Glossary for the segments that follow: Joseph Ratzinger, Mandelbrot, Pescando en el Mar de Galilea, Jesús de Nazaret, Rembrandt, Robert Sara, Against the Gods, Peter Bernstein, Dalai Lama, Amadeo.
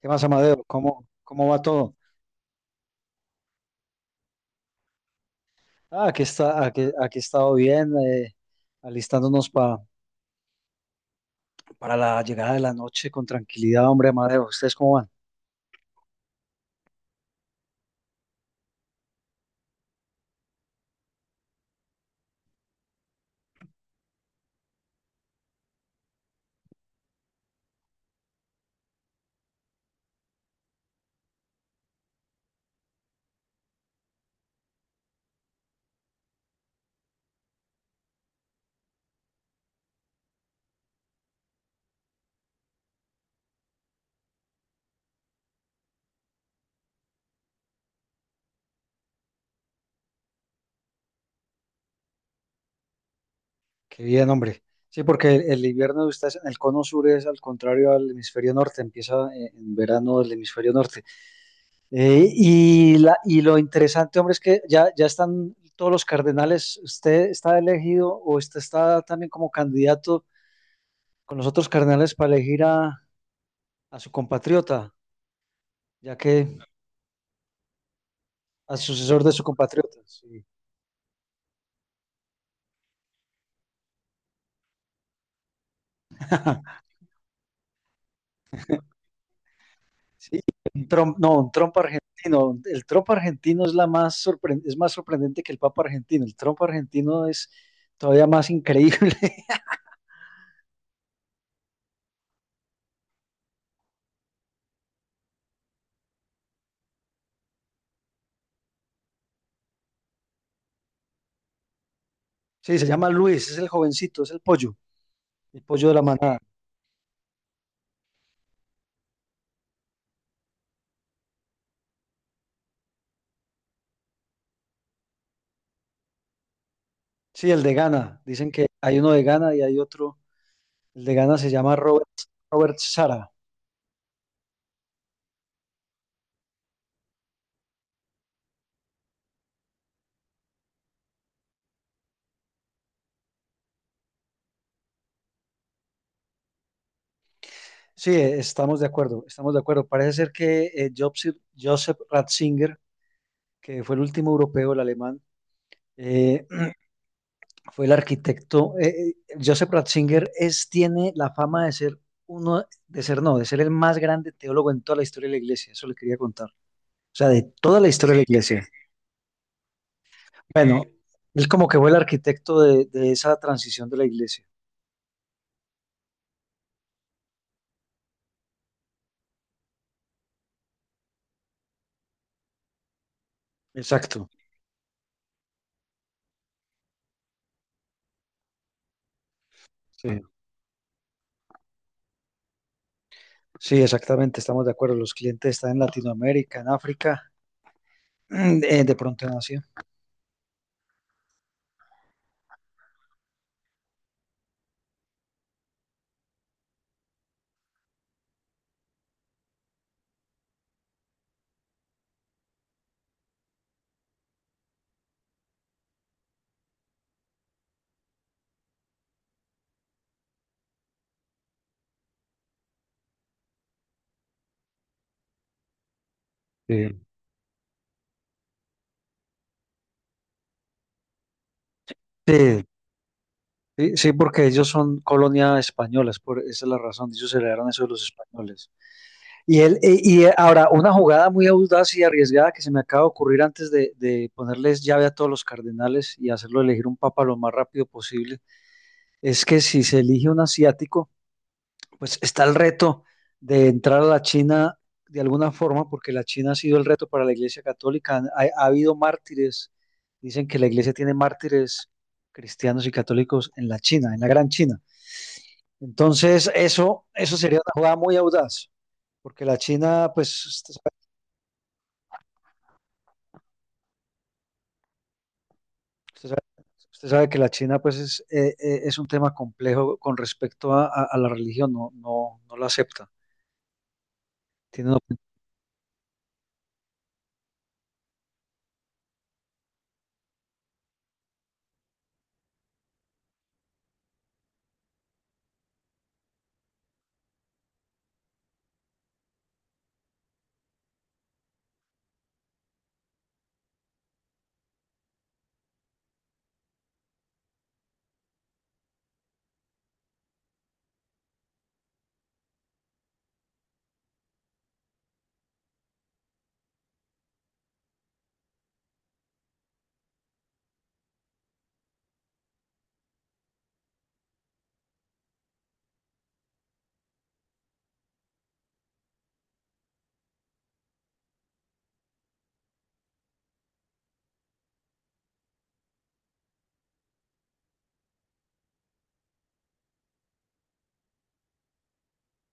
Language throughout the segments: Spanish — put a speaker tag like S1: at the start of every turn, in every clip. S1: ¿Qué más, Amadeo? ¿Cómo va todo? Ah, aquí está, aquí he estado bien, alistándonos para la llegada de la noche con tranquilidad, hombre, Amadeo. ¿Ustedes cómo van? Qué bien, hombre. Sí, porque el invierno de ustedes en el cono sur es al contrario al hemisferio norte, empieza en verano del hemisferio norte. Y lo interesante, hombre, es que ya están todos los cardenales. ¿Usted está elegido o usted está también como candidato con los otros cardenales para elegir a su compatriota? Ya que al sucesor de su compatriota. Sí. Sí, un Trump, no, un Trump argentino. El Trump argentino es la más es más sorprendente que el Papa argentino. El Trump argentino es todavía más increíble. Sí, se llama Luis, es el jovencito, es el pollo de la manada. Sí, el de Ghana. Dicen que hay uno de Ghana y hay otro. El de Ghana se llama Robert, Robert Sara. Sí, estamos de acuerdo, estamos de acuerdo. Parece ser que Joseph, Joseph Ratzinger, que fue el último europeo, el alemán. eh, Fue el arquitecto. Joseph Ratzinger es, tiene la fama de ser uno, de ser no, de ser el más grande teólogo en toda la historia de la iglesia. Eso le quería contar. O sea, de toda la historia de la iglesia. Bueno, él como que fue el arquitecto de esa transición de la iglesia. Exacto. Sí, sí, exactamente. Estamos de acuerdo. Los clientes están en Latinoamérica, en África, de pronto en Asia. Sí. Sí, sí, sí, porque ellos son colonia españolas, por, esa es la razón, ellos heredaron eso de los españoles. Y ahora, una jugada muy audaz y arriesgada que se me acaba de ocurrir antes de ponerles llave a todos los cardenales y hacerlo elegir un papa lo más rápido posible, es que si se elige un asiático, pues está el reto de entrar a la China de alguna forma, porque la China ha sido el reto para la Iglesia Católica. Habido mártires, dicen que la Iglesia tiene mártires cristianos y católicos en la China, en la Gran China. Entonces, eso sería una jugada muy audaz, porque la China, pues usted sabe, usted sabe que la China pues es un tema complejo con respecto a la religión, no la acepta. Tiene una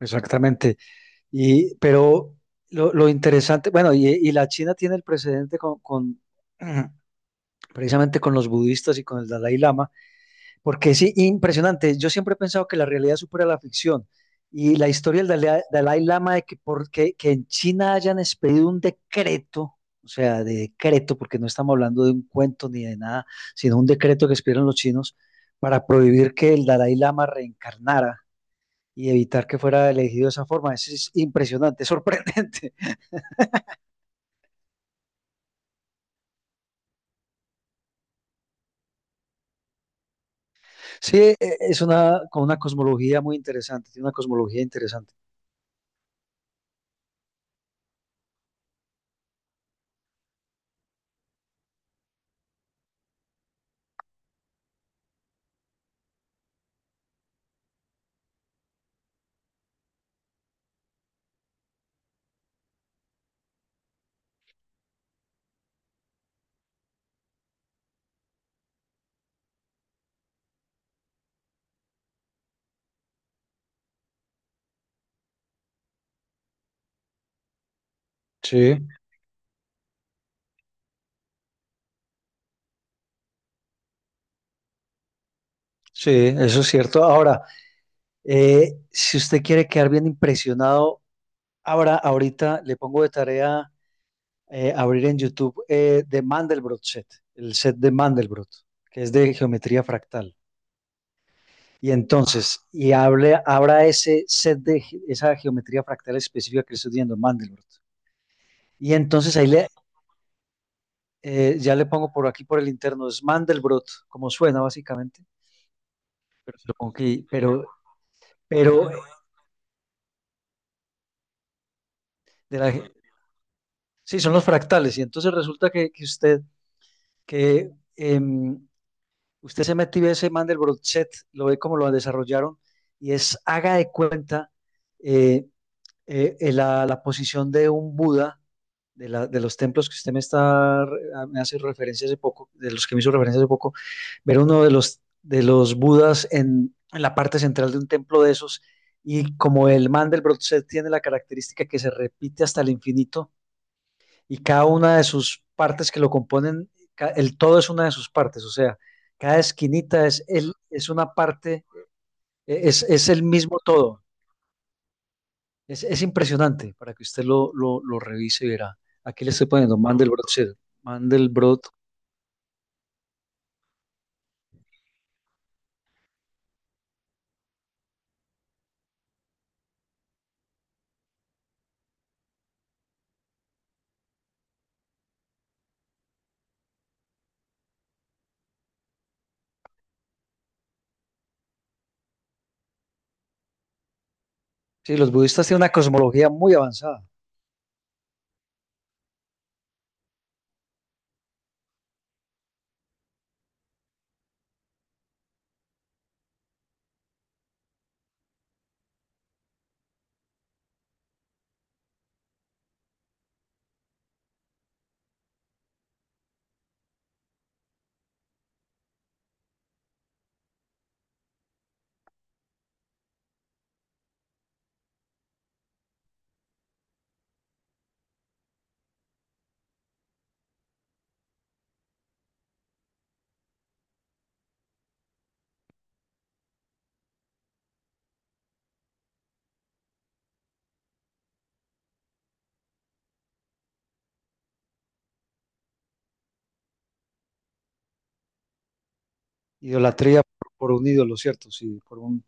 S1: exactamente. Y, pero lo interesante, bueno, y la China tiene el precedente con precisamente con los budistas y con el Dalai Lama. Porque es impresionante. Yo siempre he pensado que la realidad supera la ficción. Y la historia del Dalai Lama de que, porque que, en China hayan expedido un decreto, o sea, de decreto, porque no estamos hablando de un cuento ni de nada, sino un decreto que expidieron los chinos para prohibir que el Dalai Lama reencarnara y evitar que fuera elegido de esa forma. Eso es impresionante, es sorprendente. Sí, es una, con una cosmología muy interesante, tiene una cosmología interesante. Sí, sí, eso es cierto. Ahora, si usted quiere quedar bien impresionado, ahora, ahorita le pongo de tarea abrir en YouTube de Mandelbrot set, el set de Mandelbrot, que es de geometría fractal. Y entonces, y hable, abra ese set esa geometría fractal específica que le estoy diciendo, Mandelbrot. Y entonces ahí le, ya le pongo por aquí por el interno, es Mandelbrot, como suena básicamente. Pero, se lo pongo aquí, pero, pero eh, de la ge- sí, son los fractales. Y entonces resulta que usted que em, usted se mete y ve ese mandelbrot set lo ve como lo desarrollaron, y es haga de cuenta eh, la posición de un Buda, de, de los templos que usted me está, me hace referencia hace poco, de los que me hizo referencia hace poco, ver uno de los Budas en la parte central de un templo de esos, y como el mandelbrot set tiene la característica que se repite hasta el infinito, y cada una de sus partes que lo componen, el todo es una de sus partes, o sea, cada esquinita es, el, es una parte, es el mismo todo. Es impresionante para que usted lo revise y verá. Aquí le estoy poniendo Mandelbrot. Sí, los budistas tienen una cosmología muy avanzada, idolatría por un ídolo, ¿cierto? Sí, por un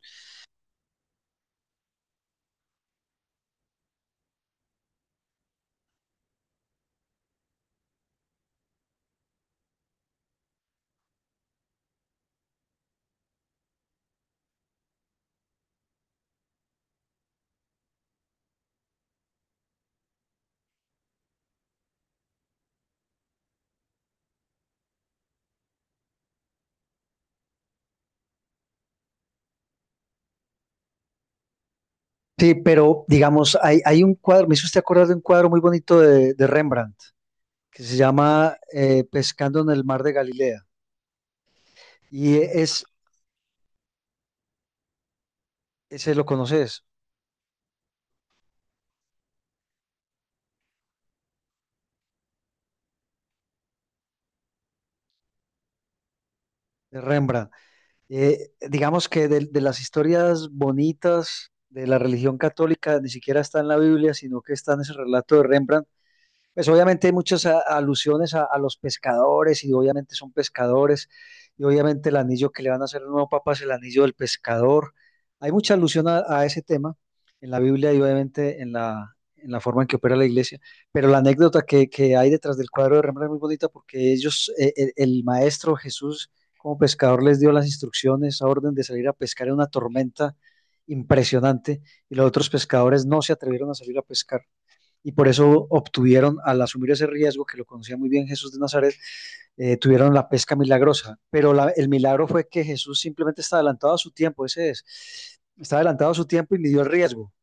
S1: sí, pero digamos, hay un cuadro, me hizo usted acordar de un cuadro muy bonito de Rembrandt, que se llama Pescando en el Mar de Galilea. Y e, es, ese lo conoces, de Rembrandt. Digamos que de las historias bonitas de la religión católica ni siquiera está en la Biblia, sino que está en ese relato de Rembrandt. Pues obviamente hay muchas alusiones a los pescadores y obviamente son pescadores y obviamente el anillo que le van a hacer al nuevo papa es el anillo del pescador. Hay mucha alusión a ese tema en la Biblia y obviamente en en la forma en que opera la iglesia, pero la anécdota que hay detrás del cuadro de Rembrandt es muy bonita porque ellos, el maestro Jesús como pescador les dio las instrucciones, orden de salir a pescar en una tormenta impresionante y los otros pescadores no se atrevieron a salir a pescar y por eso obtuvieron, al asumir ese riesgo que lo conocía muy bien Jesús de Nazaret, tuvieron la pesca milagrosa. Pero la, el milagro fue que Jesús simplemente está adelantado a su tiempo, ese es, está adelantado a su tiempo y midió el riesgo.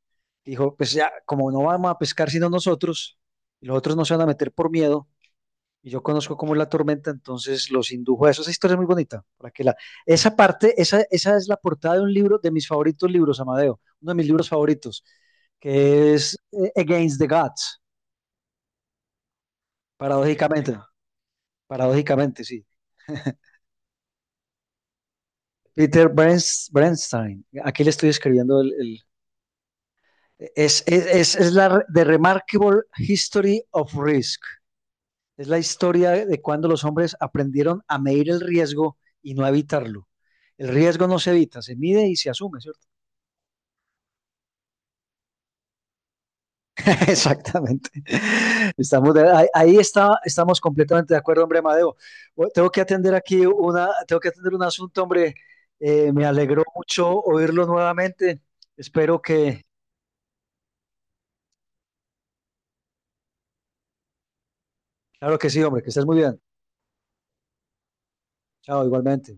S1: Dijo, pues ya, como no vamos a pescar sino nosotros, y los otros no se van a meter por miedo, y yo conozco cómo es la tormenta, entonces los indujo a eso. Esa historia es muy bonita. Para que la, esa parte, esa es la portada de un libro, de mis favoritos libros, Amadeo, uno de mis libros favoritos, que es Against the Gods. Paradójicamente, paradójicamente, sí. Bernstein. Aquí le estoy escribiendo el es la The Remarkable History of Risk. Es la historia de cuando los hombres aprendieron a medir el riesgo y no a evitarlo. El riesgo no se evita, se mide y se asume, ¿cierto? Exactamente. Ahí ahí está, estamos completamente de acuerdo, hombre, Amadeo. Bueno, tengo que atender aquí una, tengo que atender un asunto, hombre. Me alegró mucho oírlo nuevamente. Espero que, claro que sí, hombre, que estés muy bien. Chao, igualmente.